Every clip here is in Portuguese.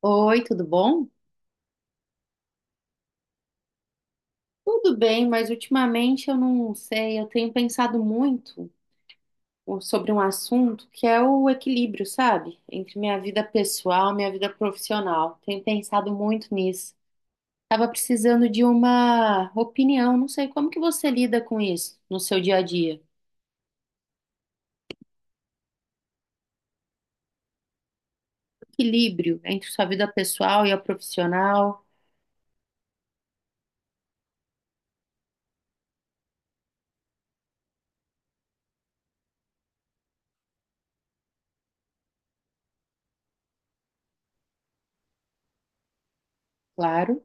Oi, tudo bom? Tudo bem, mas ultimamente eu não sei, eu tenho pensado muito sobre um assunto que é o equilíbrio, sabe? Entre minha vida pessoal e minha vida profissional. Tenho pensado muito nisso. Tava precisando de uma opinião, não sei como que você lida com isso no seu dia a dia. Equilíbrio entre sua vida pessoal e a profissional, claro.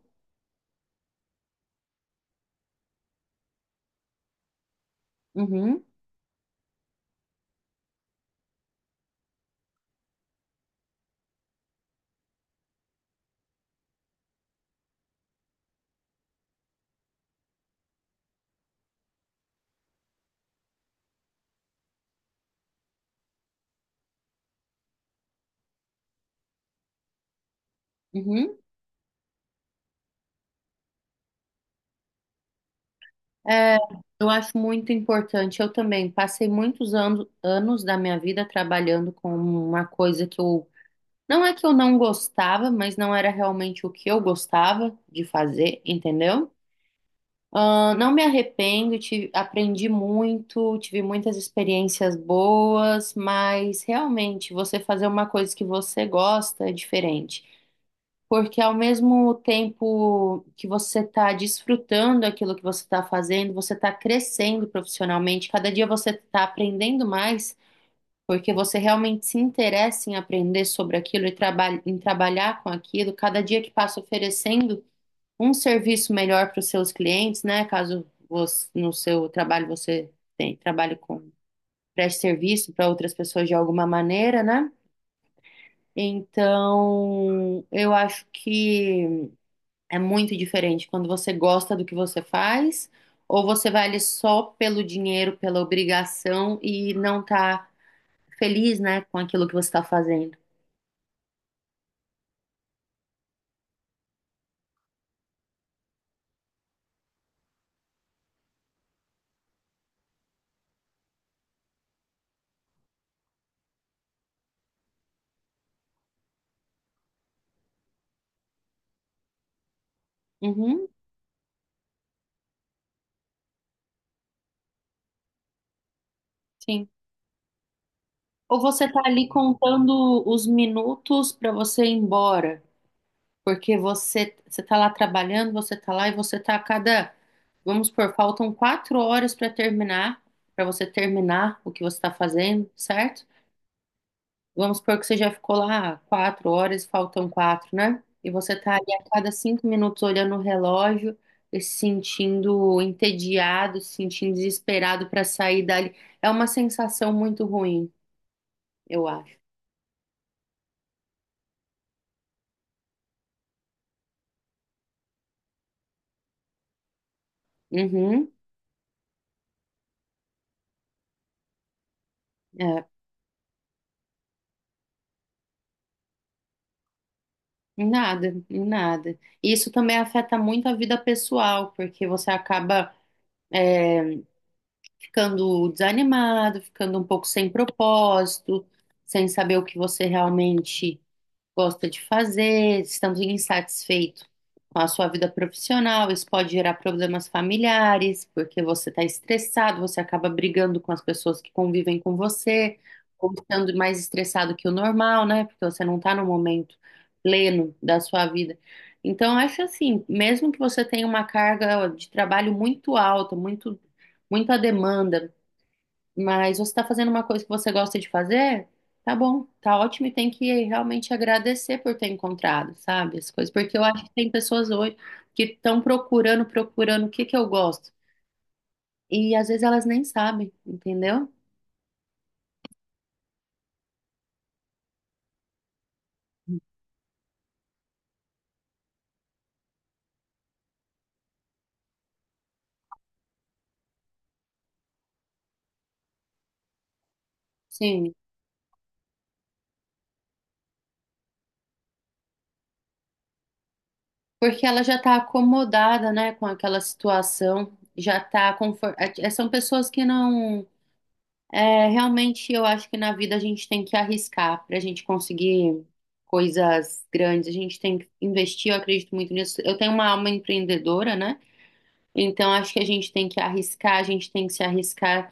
Uhum, uhum. É, eu acho muito importante. Eu também passei muitos anos, anos da minha vida trabalhando com uma coisa que eu. Não é que eu não gostava, mas não era realmente o que eu gostava de fazer, entendeu? Ah, não me arrependo, aprendi muito, tive muitas experiências boas, mas realmente você fazer uma coisa que você gosta é diferente. Porque ao mesmo tempo que você está desfrutando aquilo que você está fazendo, você está crescendo profissionalmente. Cada dia você está aprendendo mais, porque você realmente se interessa em aprender sobre aquilo e em trabalhar com aquilo. Cada dia que passa oferecendo um serviço melhor para os seus clientes, né? Caso no seu trabalho você tem, trabalhe com preste serviço para outras pessoas de alguma maneira, né? Então, eu acho que é muito diferente quando você gosta do que você faz, ou você vai ali só pelo dinheiro, pela obrigação e não tá feliz, né, com aquilo que você está fazendo. Uhum, sim. Ou você tá ali contando os minutos para você ir embora. Porque você está lá trabalhando, você está lá e você está a cada, vamos supor, faltam quatro horas para terminar, para você terminar o que você está fazendo, certo? Vamos supor que você já ficou lá quatro horas, faltam quatro, né? E você tá ali a cada cinco minutos olhando o relógio e se sentindo entediado, se sentindo desesperado para sair dali. É uma sensação muito ruim, eu acho. Uhum, é. Nada, nada. E isso também afeta muito a vida pessoal, porque você acaba ficando desanimado, ficando um pouco sem propósito, sem saber o que você realmente gosta de fazer, estando insatisfeito com a sua vida profissional, isso pode gerar problemas familiares, porque você está estressado, você acaba brigando com as pessoas que convivem com você, ou estando mais estressado que o normal, né? Porque você não está no momento pleno da sua vida. Então, eu acho assim, mesmo que você tenha uma carga de trabalho muito alta, muito, muita demanda, mas você está fazendo uma coisa que você gosta de fazer, tá bom, tá ótimo e tem que realmente agradecer por ter encontrado, sabe? As coisas, porque eu acho que tem pessoas hoje que estão procurando, procurando o que que eu gosto. E às vezes elas nem sabem, entendeu? Sim, porque ela já está acomodada, né, com aquela situação, já está confortável. São pessoas que não. É, realmente eu acho que na vida a gente tem que arriscar para a gente conseguir coisas grandes. A gente tem que investir, eu acredito muito nisso. Eu tenho uma alma empreendedora, né? Então acho que a gente tem que arriscar, a gente tem que se arriscar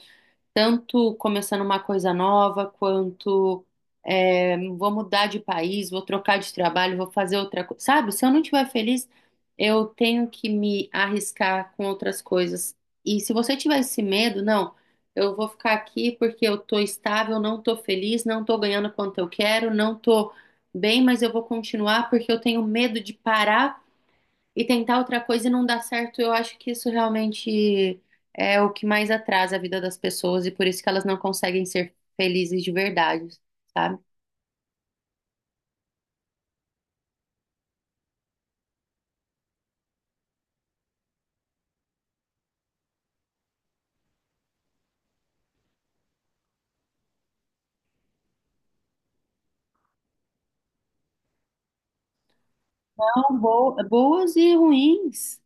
tanto começando uma coisa nova, quanto é, vou mudar de país, vou trocar de trabalho, vou fazer outra coisa. Sabe, se eu não estiver feliz, eu tenho que me arriscar com outras coisas. E se você tiver esse medo, não, eu vou ficar aqui porque eu tô estável, não tô feliz, não tô ganhando quanto eu quero, não tô bem, mas eu vou continuar porque eu tenho medo de parar e tentar outra coisa e não dar certo, eu acho que isso realmente é o que mais atrasa a vida das pessoas e por isso que elas não conseguem ser felizes de verdade, sabe? Então, boas e ruins.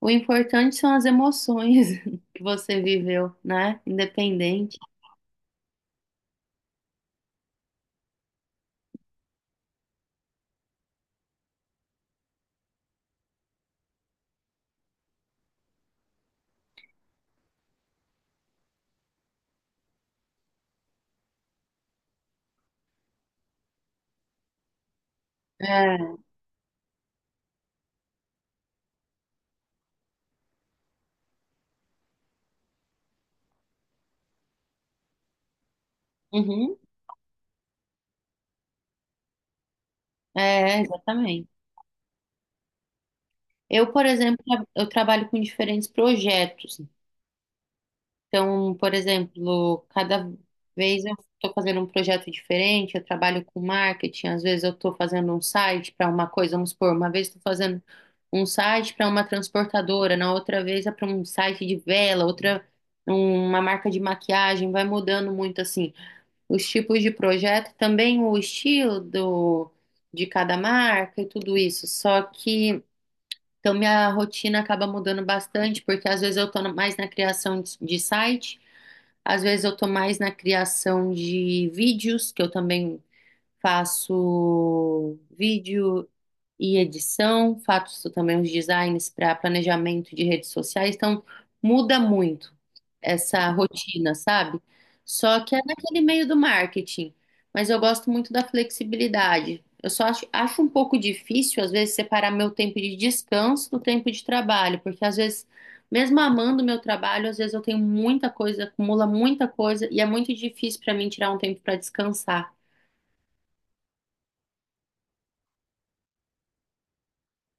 O importante são as emoções que você viveu, né? Independente. É, uhum, é, exatamente. Eu, por exemplo, eu trabalho com diferentes projetos. Então, por exemplo, cada vez eu estou fazendo um projeto diferente, eu trabalho com marketing, às vezes eu estou fazendo um site para uma coisa, vamos supor, uma vez estou fazendo um site para uma transportadora, na outra vez é para um site de vela, outra uma marca de maquiagem, vai mudando muito assim. Os tipos de projeto, também o estilo do, de cada marca e tudo isso. Só que então minha rotina acaba mudando bastante, porque às vezes eu estou mais na criação de site. Às vezes eu tô mais na criação de vídeos, que eu também faço vídeo e edição, faço também os designs para planejamento de redes sociais, então muda muito essa rotina, sabe? Só que é naquele meio do marketing, mas eu gosto muito da flexibilidade. Eu só acho, acho um pouco difícil, às vezes, separar meu tempo de descanso do tempo de trabalho, porque às vezes, mesmo amando meu trabalho, às vezes eu tenho muita coisa, acumula muita coisa, e é muito difícil para mim tirar um tempo para descansar.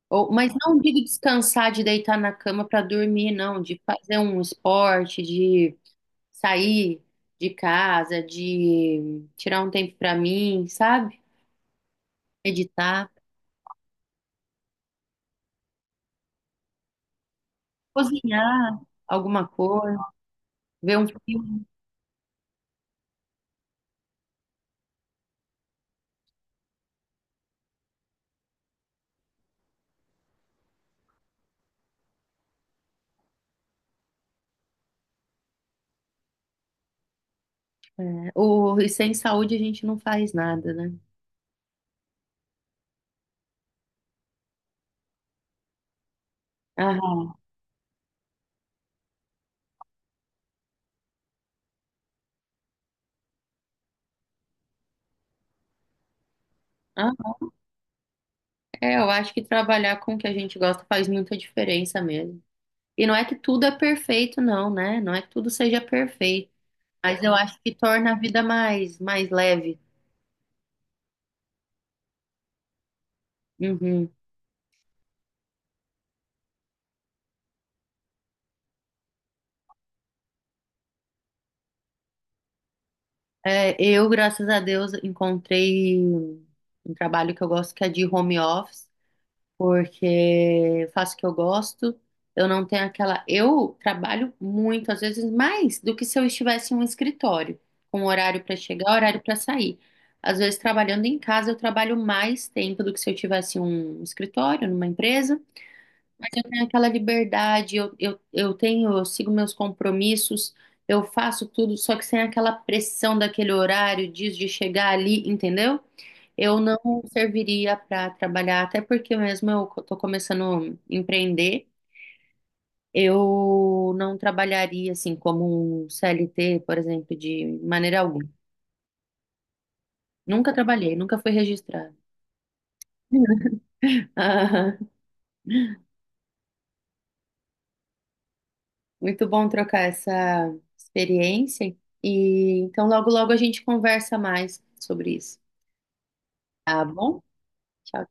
Ou, mas não digo descansar de deitar na cama para dormir, não, de fazer um esporte, de sair de casa, de tirar um tempo para mim, sabe? Meditar, cozinhar alguma coisa, ver um filme. Né? O, e sem saúde a gente não faz nada, né? Aham. Ah, é, eu acho que trabalhar com o que a gente gosta faz muita diferença mesmo. E não é que tudo é perfeito, não, né? Não é que tudo seja perfeito, mas eu acho que torna a vida mais, mais leve. Uhum. É, eu, graças a Deus, encontrei um trabalho que eu gosto, que é de home office, porque eu faço o que eu gosto. Eu não tenho aquela. Eu trabalho muito, às vezes mais do que se eu estivesse em um escritório, com um horário para chegar, horário para sair. Às vezes, trabalhando em casa, eu trabalho mais tempo do que se eu tivesse em um escritório, numa empresa. Eu tenho aquela liberdade, eu tenho, eu sigo meus compromissos, eu faço tudo, só que sem aquela pressão daquele horário, diz de chegar ali, entendeu? Eu não serviria para trabalhar, até porque mesmo eu tô começando a empreender, eu não trabalharia assim como um CLT, por exemplo, de maneira alguma. Nunca trabalhei, nunca fui registrada. Muito bom trocar essa experiência. E então logo logo a gente conversa mais sobre isso. Tá bom? Tchau.